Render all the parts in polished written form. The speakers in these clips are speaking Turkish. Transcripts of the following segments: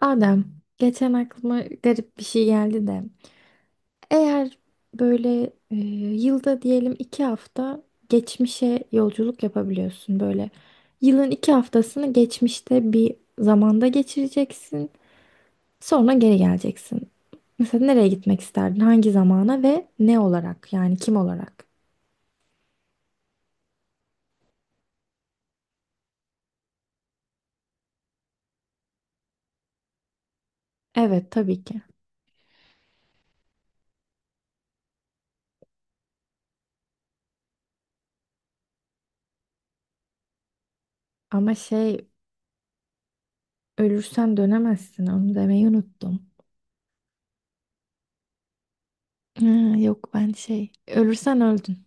Adem, geçen aklıma garip bir şey geldi de. Eğer böyle yılda diyelim iki hafta geçmişe yolculuk yapabiliyorsun böyle. Yılın iki haftasını geçmişte bir zamanda geçireceksin. Sonra geri geleceksin. Mesela nereye gitmek isterdin? Hangi zamana ve ne olarak? Yani kim olarak? Evet tabii ki. Ama şey ölürsen dönemezsin onu demeyi unuttum. Ha, yok ben şey ölürsen öldün.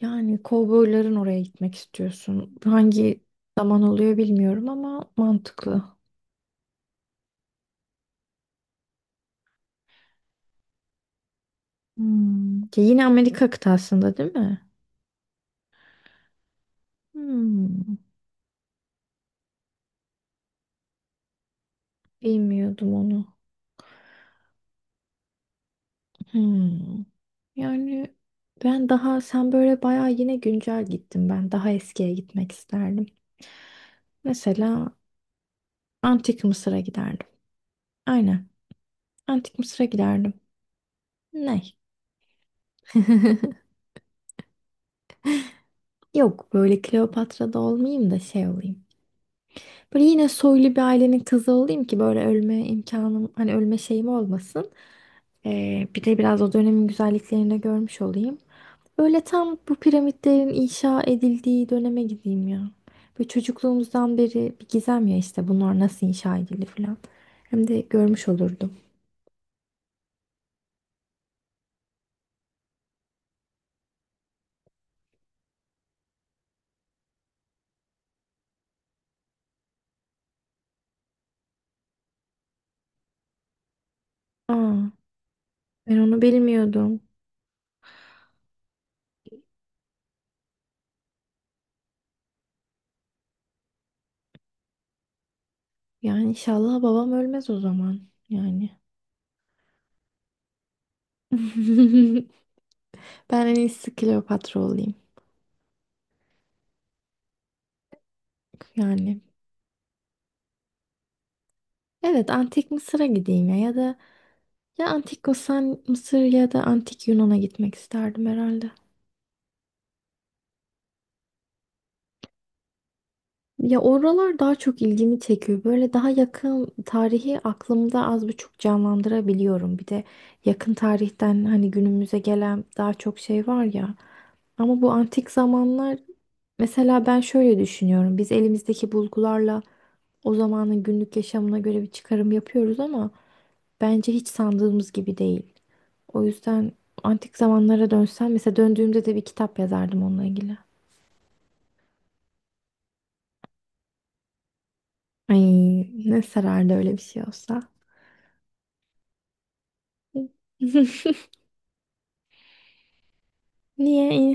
Yani kovboyların oraya gitmek istiyorsun. Hangi zaman oluyor bilmiyorum ama mantıklı. Hmm. Ki yine Amerika kıtasında değil mi? Hmm. Bilmiyordum onu. Hmm. Yani ben daha sen böyle bayağı yine güncel gittin. Ben daha eskiye gitmek isterdim. Mesela Antik Mısır'a giderdim. Aynen. Antik Mısır'a giderdim. Ne? Yok böyle Kleopatra'da olmayayım da şey olayım. Böyle yine soylu bir ailenin kızı olayım ki böyle ölme imkanım hani ölme şeyim olmasın. Bir de biraz o dönemin güzelliklerini de görmüş olayım. Böyle tam bu piramitlerin inşa edildiği döneme gideyim ya. Böyle çocukluğumuzdan beri bir gizem ya işte bunlar nasıl inşa edildi falan. Hem de görmüş olurdum. Aa, ben onu bilmiyordum. Yani inşallah babam ölmez o zaman. Yani. Ben en iyisi Kleopatra olayım. Yani. Evet, Antik Mısır'a gideyim ya ya da ya antik Mısır ya da antik Yunan'a gitmek isterdim herhalde. Ya oralar daha çok ilgimi çekiyor. Böyle daha yakın tarihi aklımda az buçuk canlandırabiliyorum. Bir de yakın tarihten hani günümüze gelen daha çok şey var ya. Ama bu antik zamanlar mesela ben şöyle düşünüyorum. Biz elimizdeki bulgularla o zamanın günlük yaşamına göre bir çıkarım yapıyoruz ama bence hiç sandığımız gibi değil. O yüzden antik zamanlara dönsem mesela döndüğümde de bir kitap yazardım onunla ilgili. Ay ne sarardı öyle bir şey olsa. Niye iyi?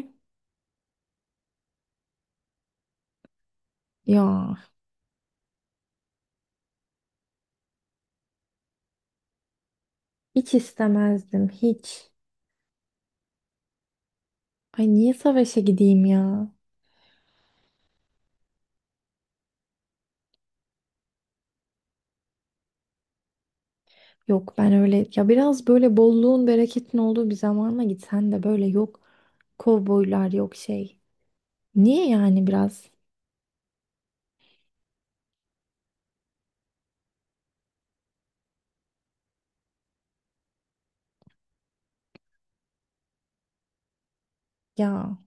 Ya hiç istemezdim hiç. Ay niye savaşa gideyim ya? Yok ben öyle ya biraz böyle bolluğun bereketin olduğu bir zamana gitsen de böyle yok kovboylar yok şey. Niye yani biraz? Ya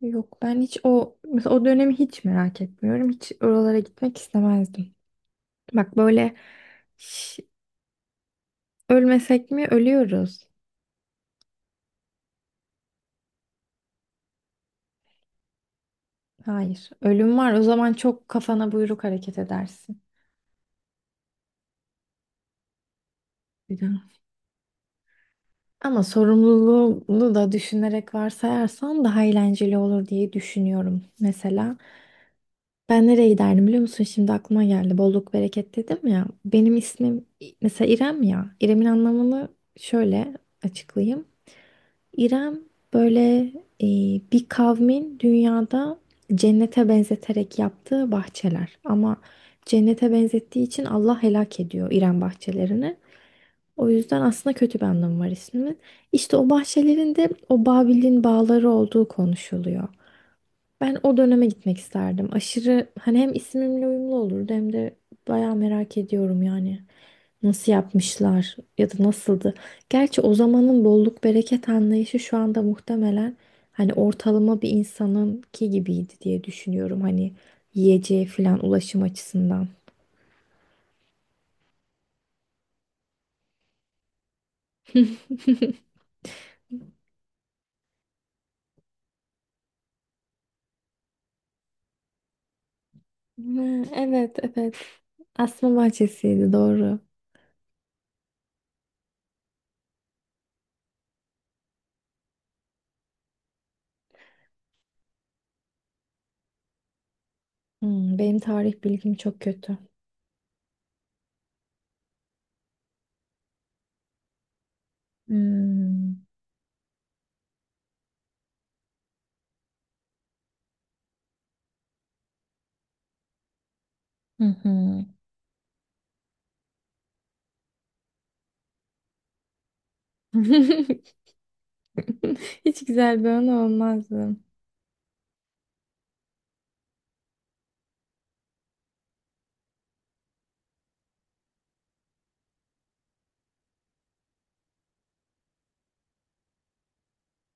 yok ben hiç o mesela o dönemi hiç merak etmiyorum. Hiç oralara gitmek istemezdim. Bak böyle ölmesek mi? Ölüyoruz. Hayır. Ölüm var. O zaman çok kafana buyruk hareket edersin. Biraz. Ama sorumluluğunu da düşünerek varsayarsan daha eğlenceli olur diye düşünüyorum. Mesela ben nereye giderdim biliyor musun? Şimdi aklıma geldi. Bolluk bereket dedim ya. Benim ismim mesela İrem ya. İrem'in anlamını şöyle açıklayayım. İrem böyle e, bir kavmin dünyada cennete benzeterek yaptığı bahçeler. Ama cennete benzettiği için Allah helak ediyor İrem bahçelerini. O yüzden aslında kötü bir anlamı var ismin. İşte o bahçelerin de o Babil'in bağları olduğu konuşuluyor. Ben o döneme gitmek isterdim. Aşırı hani hem ismimle uyumlu olurdu hem de bayağı merak ediyorum yani. Nasıl yapmışlar ya da nasıldı? Gerçi o zamanın bolluk bereket anlayışı şu anda muhtemelen hani ortalama bir insanınki gibiydi diye düşünüyorum. Hani yiyeceği falan ulaşım açısından. Ha, evet, evet. Asma bahçesiydi doğru. Hmm, benim tarih bilgim çok kötü. Hmm. Hı hı. Hiç güzel bir anı olmazdı.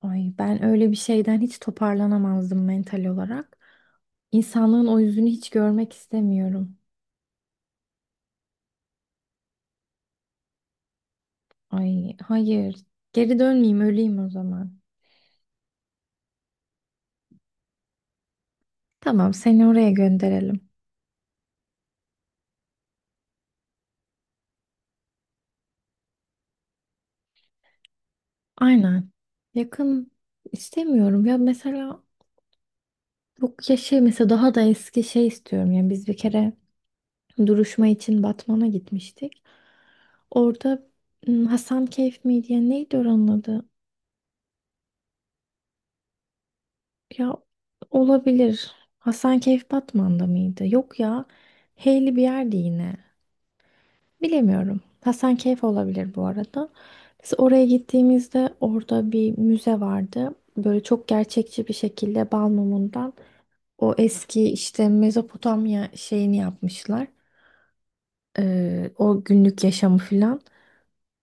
Ay ben öyle bir şeyden hiç toparlanamazdım mental olarak. İnsanlığın o yüzünü hiç görmek istemiyorum. Ay hayır. Geri dönmeyeyim öleyim o zaman. Tamam seni oraya gönderelim. Aynen. Yakın istemiyorum ya mesela yok ya şey mesela daha da eski şey istiyorum. Yani biz bir kere duruşma için Batman'a gitmiştik. Orada Hasan Keyf miydi ya neydi oranın adı? Ya olabilir. Hasankeyf Batman'da mıydı? Yok ya. Heyli bir yerdi yine. Bilemiyorum. Hasankeyf olabilir bu arada. Biz oraya gittiğimizde orada bir müze vardı. Böyle çok gerçekçi bir şekilde bal mumundan o eski işte Mezopotamya şeyini yapmışlar. O günlük yaşamı filan.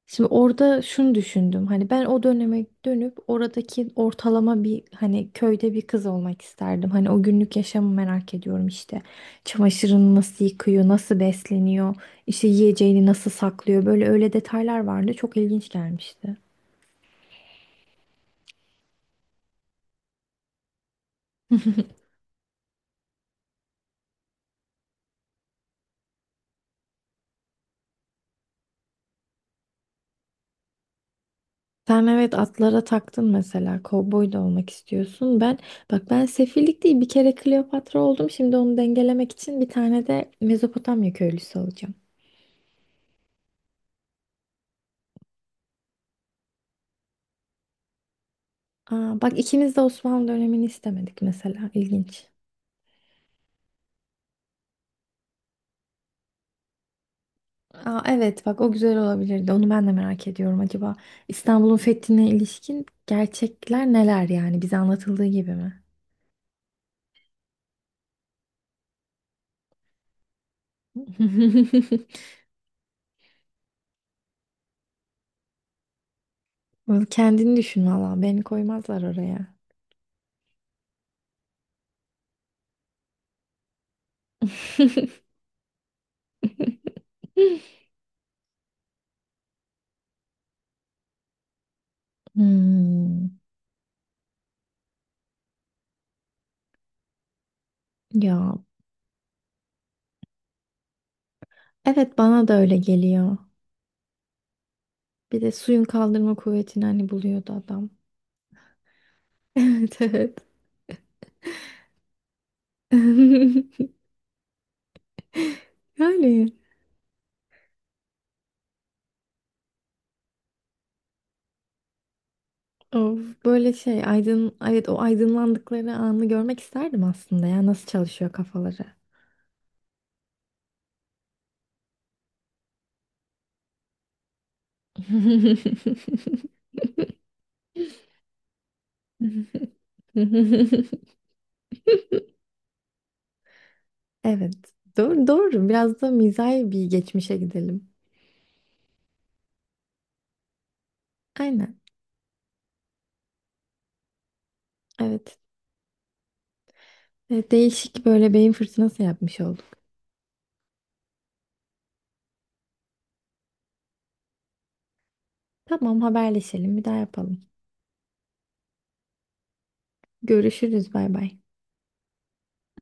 Şimdi orada şunu düşündüm. Hani ben o döneme dönüp oradaki ortalama bir hani köyde bir kız olmak isterdim. Hani o günlük yaşamı merak ediyorum işte. Çamaşırını nasıl yıkıyor, nasıl besleniyor, işte yiyeceğini nasıl saklıyor. Böyle öyle detaylar vardı. Çok ilginç gelmişti. Sen evet atlara taktın mesela. Kovboy da olmak istiyorsun. Ben bak ben sefillik değil bir kere Kleopatra oldum. Şimdi onu dengelemek için bir tane de Mezopotamya köylüsü olacağım. Aa, bak ikimiz de Osmanlı dönemini istemedik mesela. İlginç. Aa, evet bak o güzel olabilirdi. Onu ben de merak ediyorum. Acaba İstanbul'un fethine ilişkin gerçekler neler yani? Bize anlatıldığı gibi mi? Vallahi kendini düşün valla. Beni koymazlar oraya. Hmm, ya evet bana da öyle geliyor. Bir de suyun kaldırma kuvvetini hani buluyordu adam. Evet evet. Yani. Of, böyle şey aydın evet o aydınlandıkları anı görmek isterdim aslında ya nasıl çalışıyor kafaları. Evet, doğru doğru biraz da mizahi bir geçmişe gidelim. Aynen, evet. Değişik böyle beyin fırtınası yapmış olduk. Tamam haberleşelim bir daha yapalım. Görüşürüz bay bay.